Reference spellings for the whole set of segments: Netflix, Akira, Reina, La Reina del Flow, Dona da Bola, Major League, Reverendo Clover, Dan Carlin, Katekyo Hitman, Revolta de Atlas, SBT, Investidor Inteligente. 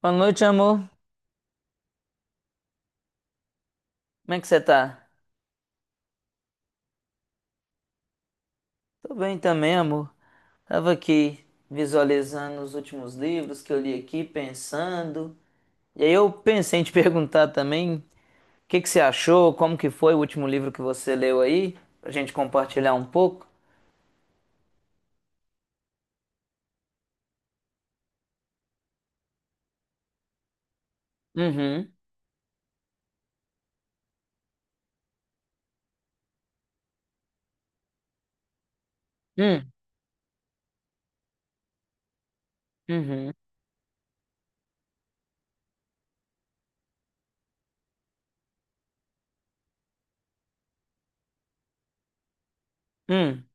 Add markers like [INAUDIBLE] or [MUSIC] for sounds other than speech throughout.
Boa noite, amor. Como é que você tá? Tô bem também, amor. Tava aqui visualizando os últimos livros que eu li aqui, pensando. E aí eu pensei em te [LAUGHS] perguntar também, o que que você achou? Como que foi o último livro que você leu aí? Pra gente compartilhar um pouco. Uhum. Hum, uhum. Hum.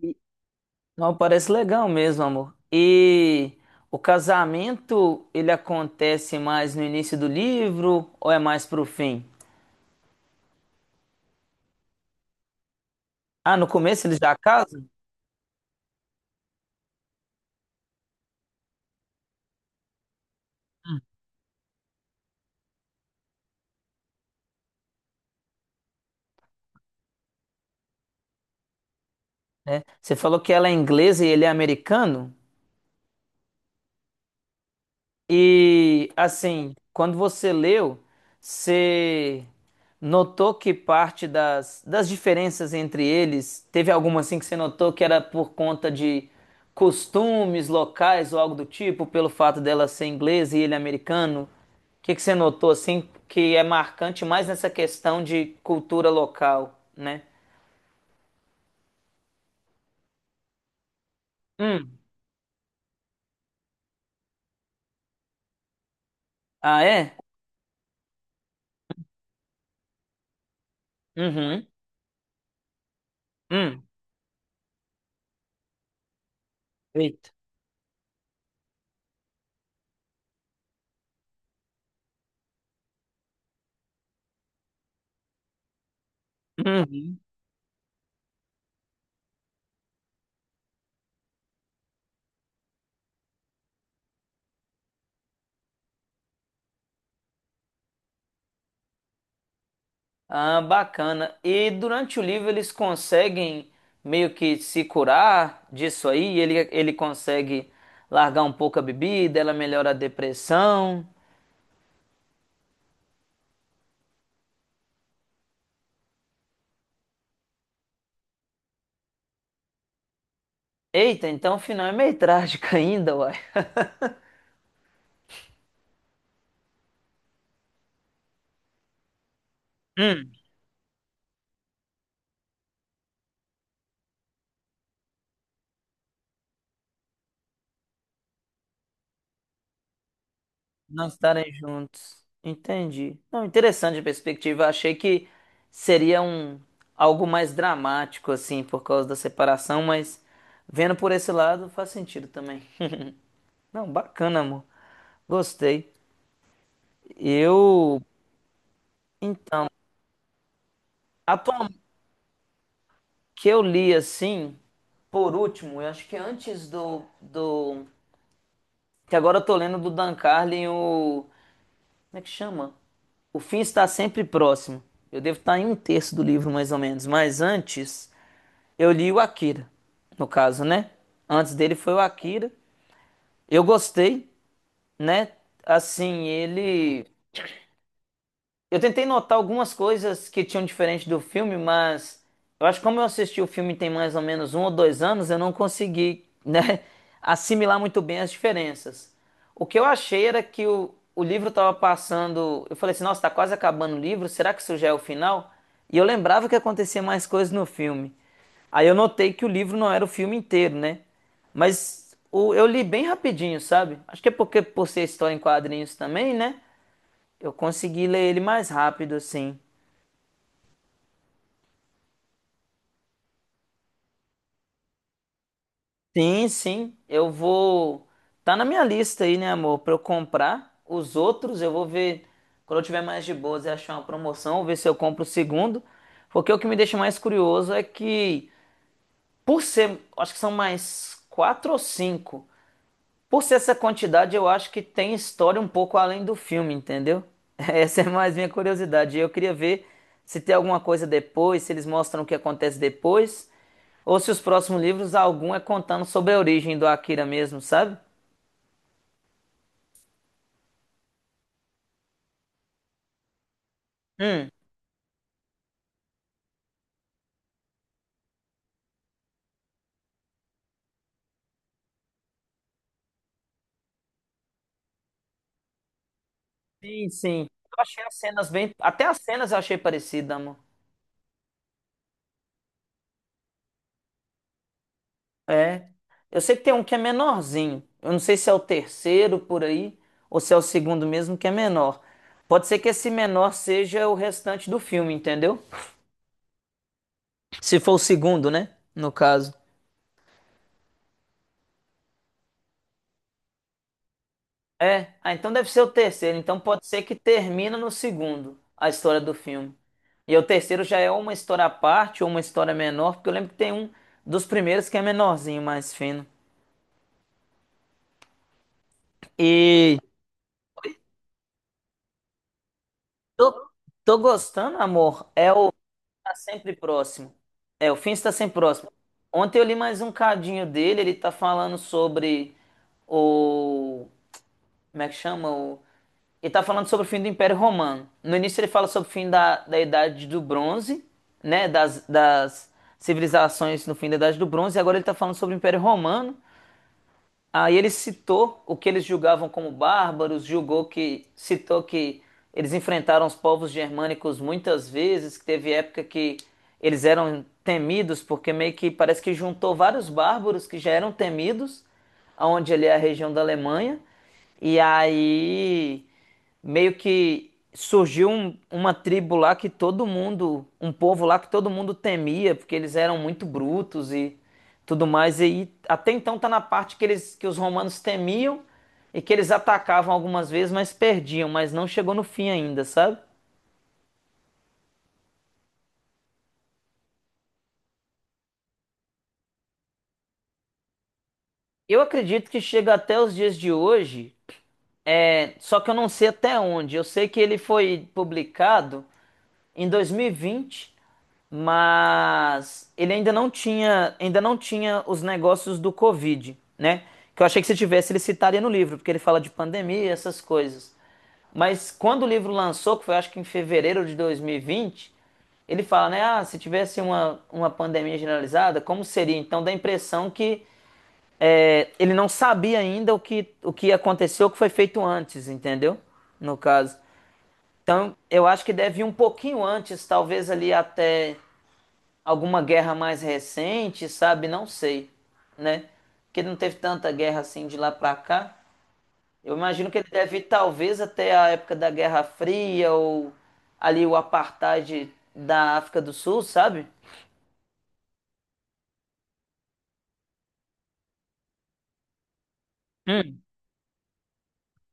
E- Não, parece legal mesmo, amor. E o casamento, ele acontece mais no início do livro ou é mais pro fim? Ah, no começo eles já casam? Né? Você falou que ela é inglesa e ele é americano. E assim, quando você leu, você notou que parte das diferenças entre eles, teve alguma assim que você notou que era por conta de costumes locais ou algo do tipo, pelo fato dela ser inglesa e ele é americano? O que que você notou assim que é marcante mais nessa questão de cultura local, né? Hum. Ah, é? Uhum. Hum. Eita. Uhum. Ah, bacana. E durante o livro eles conseguem meio que se curar disso aí? Ele consegue largar um pouco a bebida, ela melhora a depressão. Eita, então o final é meio trágico [LAUGHS] ainda, uai. Hum. Não estarem juntos. Entendi. Não, interessante a perspectiva. Achei que seria um algo mais dramático, assim, por causa da separação, mas vendo por esse lado faz sentido também. [LAUGHS] Não, bacana, amor. Gostei. Eu. Então, atualmente que eu li assim, por último, eu acho que é antes do. Que agora eu tô lendo do Dan Carlin, o. Como é que chama? O fim está sempre próximo. Eu devo estar em um terço do livro, mais ou menos. Mas antes, eu li o Akira, no caso, né? Antes dele foi o Akira. Eu gostei, né? Assim, ele. Eu tentei notar algumas coisas que tinham diferente do filme, mas eu acho que como eu assisti o filme tem mais ou menos um ou dois anos, eu não consegui, né, [LAUGHS] assimilar muito bem as diferenças. O que eu achei era que o livro estava passando. Eu falei assim, nossa, tá quase acabando o livro, será que isso já é o final? E eu lembrava que acontecia mais coisas no filme. Aí eu notei que o livro não era o filme inteiro, né? Eu li bem rapidinho, sabe? Acho que é porque por ser história em quadrinhos também, né? Eu consegui ler ele mais rápido, assim. Sim, sim, eu vou. Tá na minha lista aí, né, amor? Pra eu comprar os outros, eu vou ver. Quando eu tiver mais de boas e achar uma promoção, vou ver se eu compro o segundo. Porque o que me deixa mais curioso é que, por ser. Acho que são mais quatro ou cinco. Por ser essa quantidade, eu acho que tem história um pouco além do filme, entendeu? [LAUGHS] Essa é mais minha curiosidade. Eu queria ver se tem alguma coisa depois, se eles mostram o que acontece depois, ou se os próximos livros, algum é contando sobre a origem do Akira mesmo, sabe? Hum, sim, sim. Eu achei as cenas bem. Até as cenas eu achei parecida, amor. É. Eu sei que tem um que é menorzinho. Eu não sei se é o terceiro por aí, ou se é o segundo mesmo que é menor. Pode ser que esse menor seja o restante do filme, entendeu? Se for o segundo, né? No caso. É, ah, então deve ser o terceiro. Então pode ser que termina no segundo a história do filme. E o terceiro já é uma história à parte ou uma história menor, porque eu lembro que tem um dos primeiros que é menorzinho, mais fino. E tô, tô gostando, amor. É o Tá Sempre Próximo. É, o fim está sempre próximo. Ontem eu li mais um cadinho dele, ele tá falando sobre o. Como é que chama? O ele tá falando sobre o fim do Império Romano. No início ele fala sobre o fim da Idade do Bronze, né? Das civilizações no fim da Idade do Bronze, e agora ele tá falando sobre o Império Romano. Aí ele citou o que eles julgavam como bárbaros, julgou que, citou que eles enfrentaram os povos germânicos muitas vezes, que teve época que eles eram temidos, porque meio que parece que juntou vários bárbaros que já eram temidos, aonde ali é a região da Alemanha. E aí meio que surgiu uma tribo lá que todo mundo, um povo lá que todo mundo temia, porque eles eram muito brutos e tudo mais. E aí, até então tá na parte que eles, que os romanos temiam e que eles atacavam algumas vezes, mas perdiam, mas não chegou no fim ainda, sabe? Eu acredito que chega até os dias de hoje. É, só que eu não sei até onde. Eu sei que ele foi publicado em dois mil e vinte, mas ele ainda não tinha os negócios do Covid, né? Que eu achei que se tivesse ele citaria no livro, porque ele fala de pandemia e essas coisas. Mas quando o livro lançou, que foi acho que em fevereiro de 2020, ele fala, né? Ah, se tivesse uma pandemia generalizada, como seria? Então dá a impressão que é, ele não sabia ainda o que aconteceu, o que foi feito antes, entendeu? No caso. Então, eu acho que deve ir um pouquinho antes, talvez ali até alguma guerra mais recente, sabe? Não sei, né? Porque não teve tanta guerra assim de lá pra cá. Eu imagino que ele deve ir talvez até a época da Guerra Fria ou ali o apartheid da África do Sul, sabe? Hum.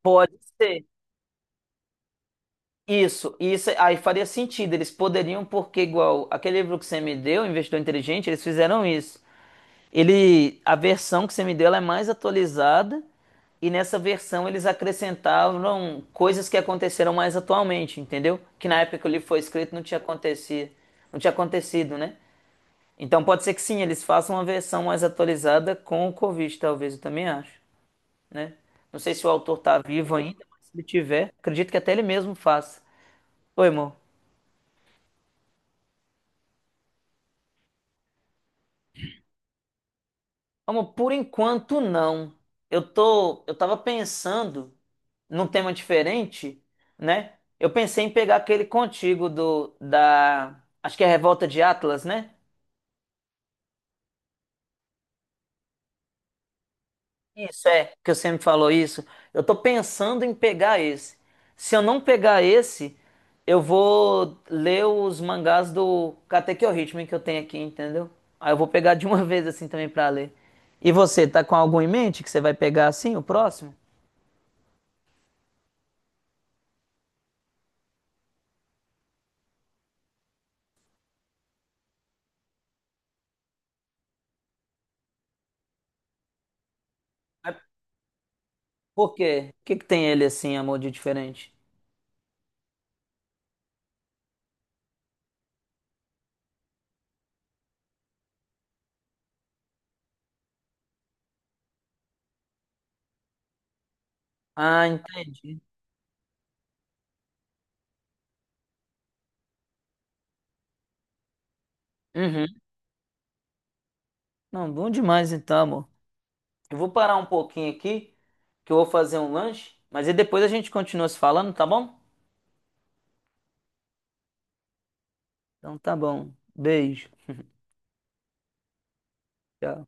Pode ser. Isso aí faria sentido. Eles poderiam, porque igual aquele livro que você me deu, Investidor Inteligente, eles fizeram isso. Ele, a versão que você me deu, ela é mais atualizada e nessa versão eles acrescentavam coisas que aconteceram mais atualmente, entendeu? Que na época que o livro foi escrito não tinha acontecido, não tinha acontecido, né? Então pode ser que sim, eles façam uma versão mais atualizada com o Covid, talvez, eu também acho, né? Não sei se o autor tá vivo ainda, mas se ele tiver, acredito que até ele mesmo faça. Oi, irmão. Amor, por enquanto não. Eu tô, eu tava pensando num tema diferente, né? Eu pensei em pegar aquele contigo do da, acho que é a Revolta de Atlas, né? Isso é, que você me falou isso. Eu tô pensando em pegar esse. Se eu não pegar esse, eu vou ler os mangás do Katekyo Hitman que eu tenho aqui, entendeu? Aí eu vou pegar de uma [LAUGHS] vez assim também pra ler. E você, tá com algum em mente que você vai pegar assim, o próximo? Mas por quê? O que que tem ele assim, amor, de diferente? Ah, entendi. Uhum. Não, bom demais então, amor. Eu vou parar um pouquinho aqui, que eu vou fazer um lanche, mas aí depois a gente continua se falando, tá bom? Então tá bom. Beijo. Tchau.